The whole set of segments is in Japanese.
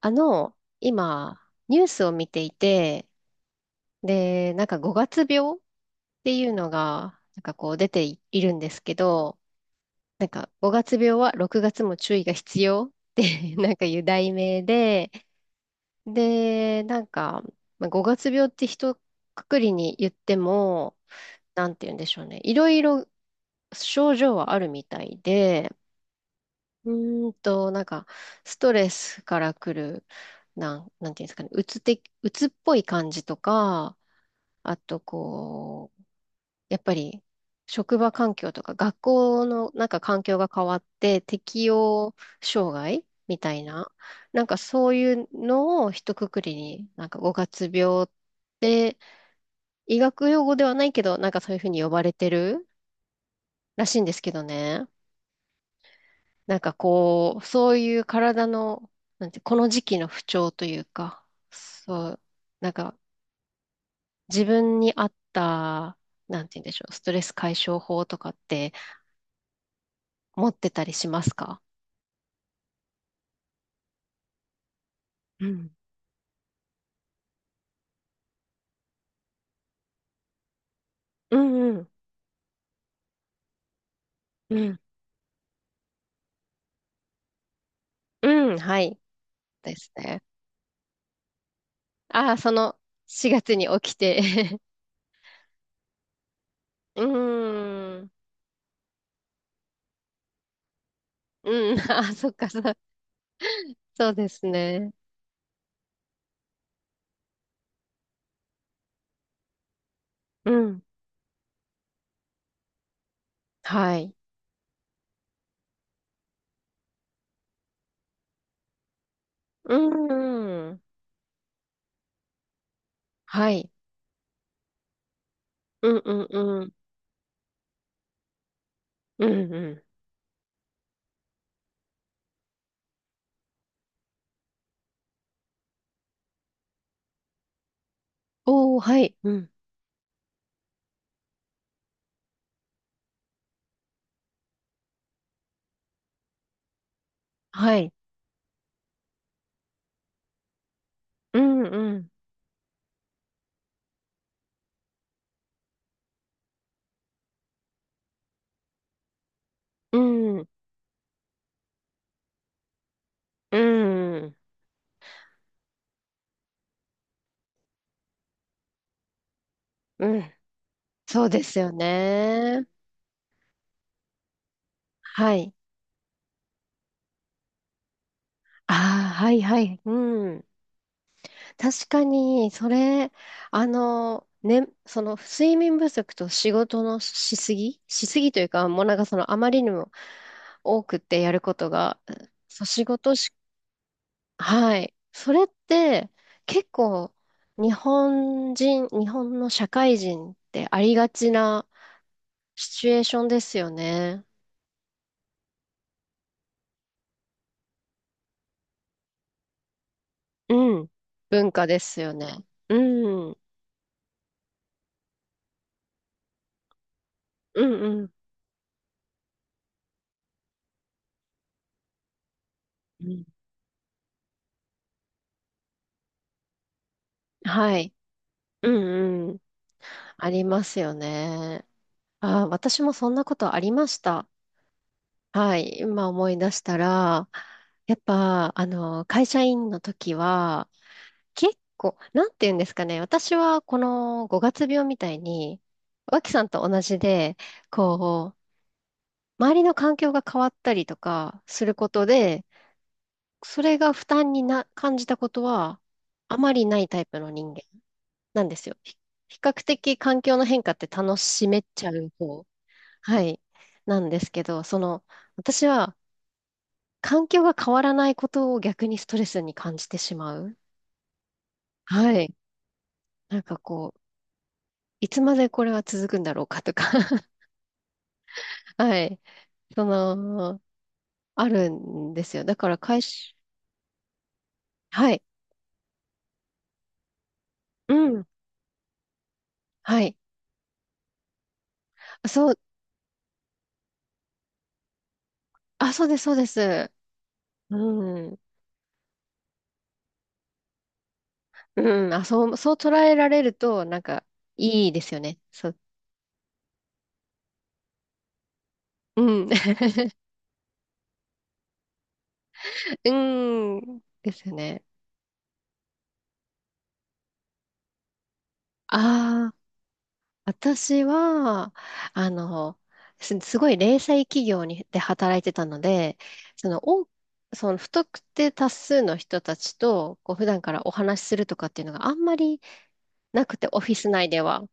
今、ニュースを見ていて、で、なんか5月病っていうのが、なんかこう出ていいるんですけど、なんか5月病は6月も注意が必要って なんかいう題名で、で、なんか、まあ、5月病って一括りに言っても、なんて言うんでしょうね。いろいろ症状はあるみたいで、うなんか、ストレスから来る、なんていうんですかね、うつっぽい感じとか、あと、こう、やっぱり、職場環境とか、学校の、なんか環境が変わって、適応障害みたいな、なんかそういうのを一括りに、なんか五月病って、医学用語ではないけど、なんかそういうふうに呼ばれてるらしいんですけどね。なんかこう、そういう体の、なんて、この時期の不調というか、そう、なんか自分に合った、なんて言うんでしょう、ストレス解消法とかって持ってたりしますか？うん。うんうん。うん。うん、はい。ですね。ああ、その4月に起きて うーん。うん、ああ、そっか、そうですね。うん。はい。うーん。はい。うんうんうん。うんうん。おー、はい。うん。はい。うん、うん、うん、うん、うん。そうですよね。はい。ああ、はい、はい。うん。確かに、それ、あの、ね、その、睡眠不足と仕事のしすぎしすぎというか、もうなんかその、あまりにも多くってやることが、そう、仕事し、はい。それって、結構、日本の社会人ってありがちな、シチュエーションですよね。うん。文化ですよね。うん。うんうん。うん。はい。うんうん。ありますよね。あー、私もそんなことありました。はい。今思い出したら、やっぱ、あの、会社員の時は、結構、なんて言うんですかね。私は、この5月病みたいに、脇さんと同じで、こう、周りの環境が変わったりとかすることで、それが負担にな、感じたことは、あまりないタイプの人間なんですよ。比較的環境の変化って楽しめちゃう方、はい、なんですけど、その、私は環境が変わらないことを逆にストレスに感じてしまう。はい。なんかこう、いつまでこれは続くんだろうかとか はい。その、あるんですよ。だから会社、はい。うん。はい。そう、あ、そうです、そうです。うん。うん、あ、そう、そう捉えられると、なんか、いいですよね。そう、うん。うん、ですよね。ああ、私は、あの、すごい零細企業に、で働いてたので、その、不特定多数の人たちと、こう、普段からお話しするとかっていうのがあんまりなくて、オフィス内では。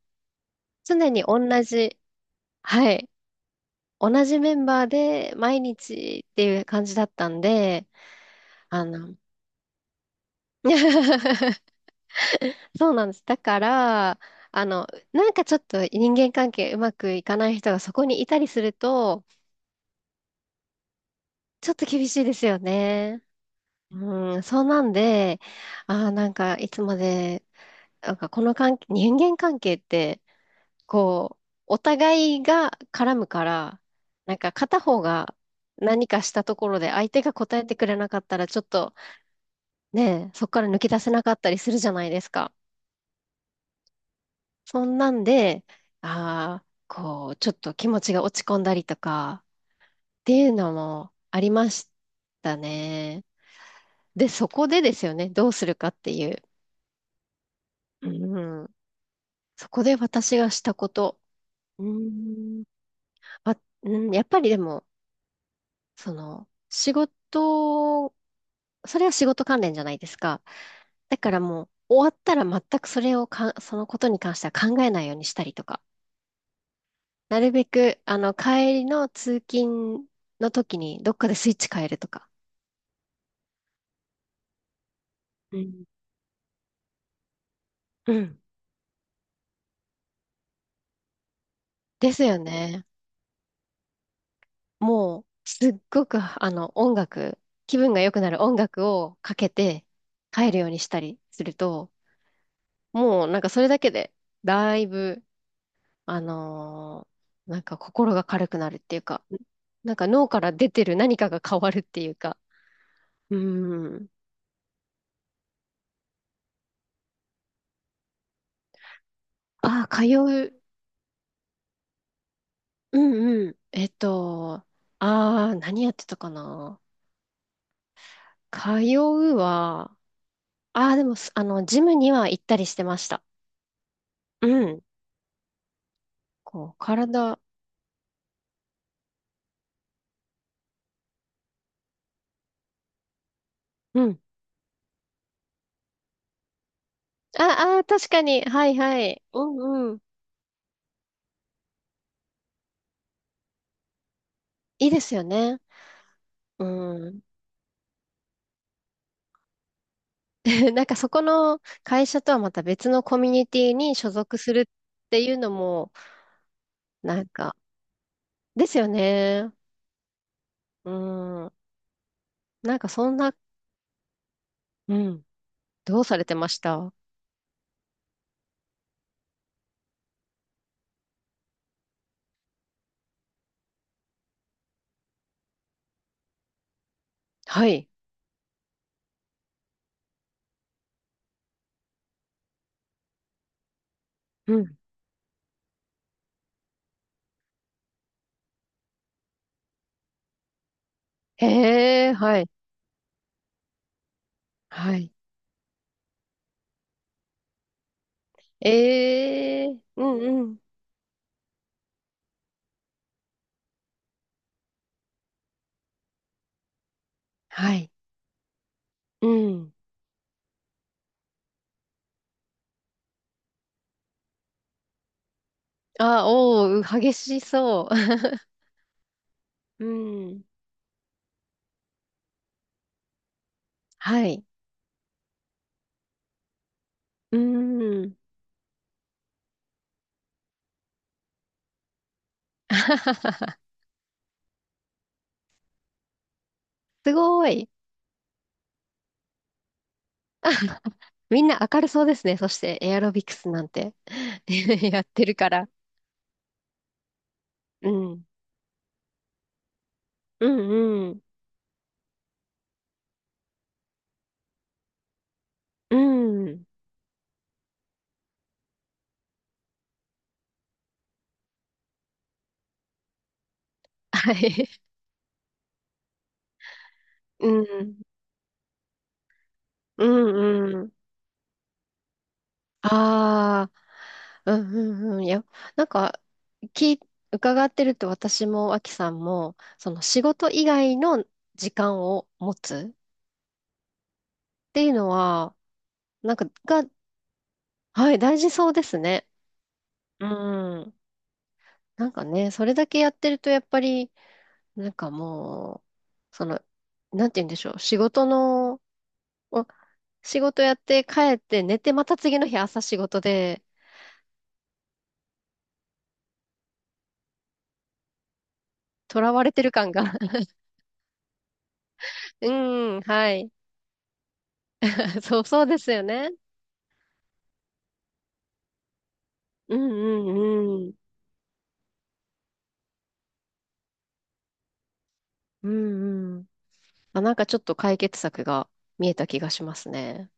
常に同じ、はい、同じメンバーで毎日っていう感じだったんで、あの、そうなんです。だから、あの、なんかちょっと人間関係うまくいかない人がそこにいたりすると、ちょっと厳しいですよね。うん、そうなんで、あーなんかいつまで、なんかこの関係、人間関係って、こう、お互いが絡むから、なんか片方が何かしたところで相手が答えてくれなかったら、ちょっとね、そこから抜け出せなかったりするじゃないですか。そんなんで、ああ、こう、ちょっと気持ちが落ち込んだりとか、っていうのもありましたね。で、そこでですよね、どうするかっていう。うん、そこで私がしたこと。うん、あ、うん、やっぱりでも、その、それは仕事関連じゃないですか。だからもう、終わったら全くそれをか、そのことに関しては考えないようにしたりとか。なるべく、あの、帰りの通勤の時に、どっかでスイッチ変えるとか。うん。うん。ですよね。もう、すっごく、あの、気分が良くなる音楽をかけて帰るようにしたりすると、もう、なんかそれだけで、だいぶ、あのーなんか心が軽くなるっていうか、なんか脳から出てる何かが変わるっていうか、うん。ああ、通う。うんうん。ああ、何やってたかな。通うは、ああ、でも、あの、ジムには行ったりしてました。うん。こう、体、うん。ああ、確かに。はいはい。うんうん。いいですよね。うん。なんかそこの会社とはまた別のコミュニティに所属するっていうのも、なんか、ですよね。うん。なんかそんな、うん。どうされてました？はい。うん。へえ、はい。はい。ええ。うんうん。はい。うん。あ、おー、激しそう。うん。はい。うん。すごい。みんな明るそうですね。そしてエアロビクスなんて やってるから。うん。うんうん。うん。はい。うん。うんうん。ああ、うんうんうん。いや、なんか、き、伺ってると私も、アキさんも、その仕事以外の時間を持つっていうのは、なんか、はい、大事そうですね。うん。なんかね、それだけやってると、やっぱり、なんかもう、その、なんて言うんでしょう、仕事の、お仕事やって帰って寝て、また次の日朝仕事で、囚われてる感が うん、はい。そう、そうですよね。うんうんうん。うんうん。あ、なんかちょっと解決策が見えた気がしますね。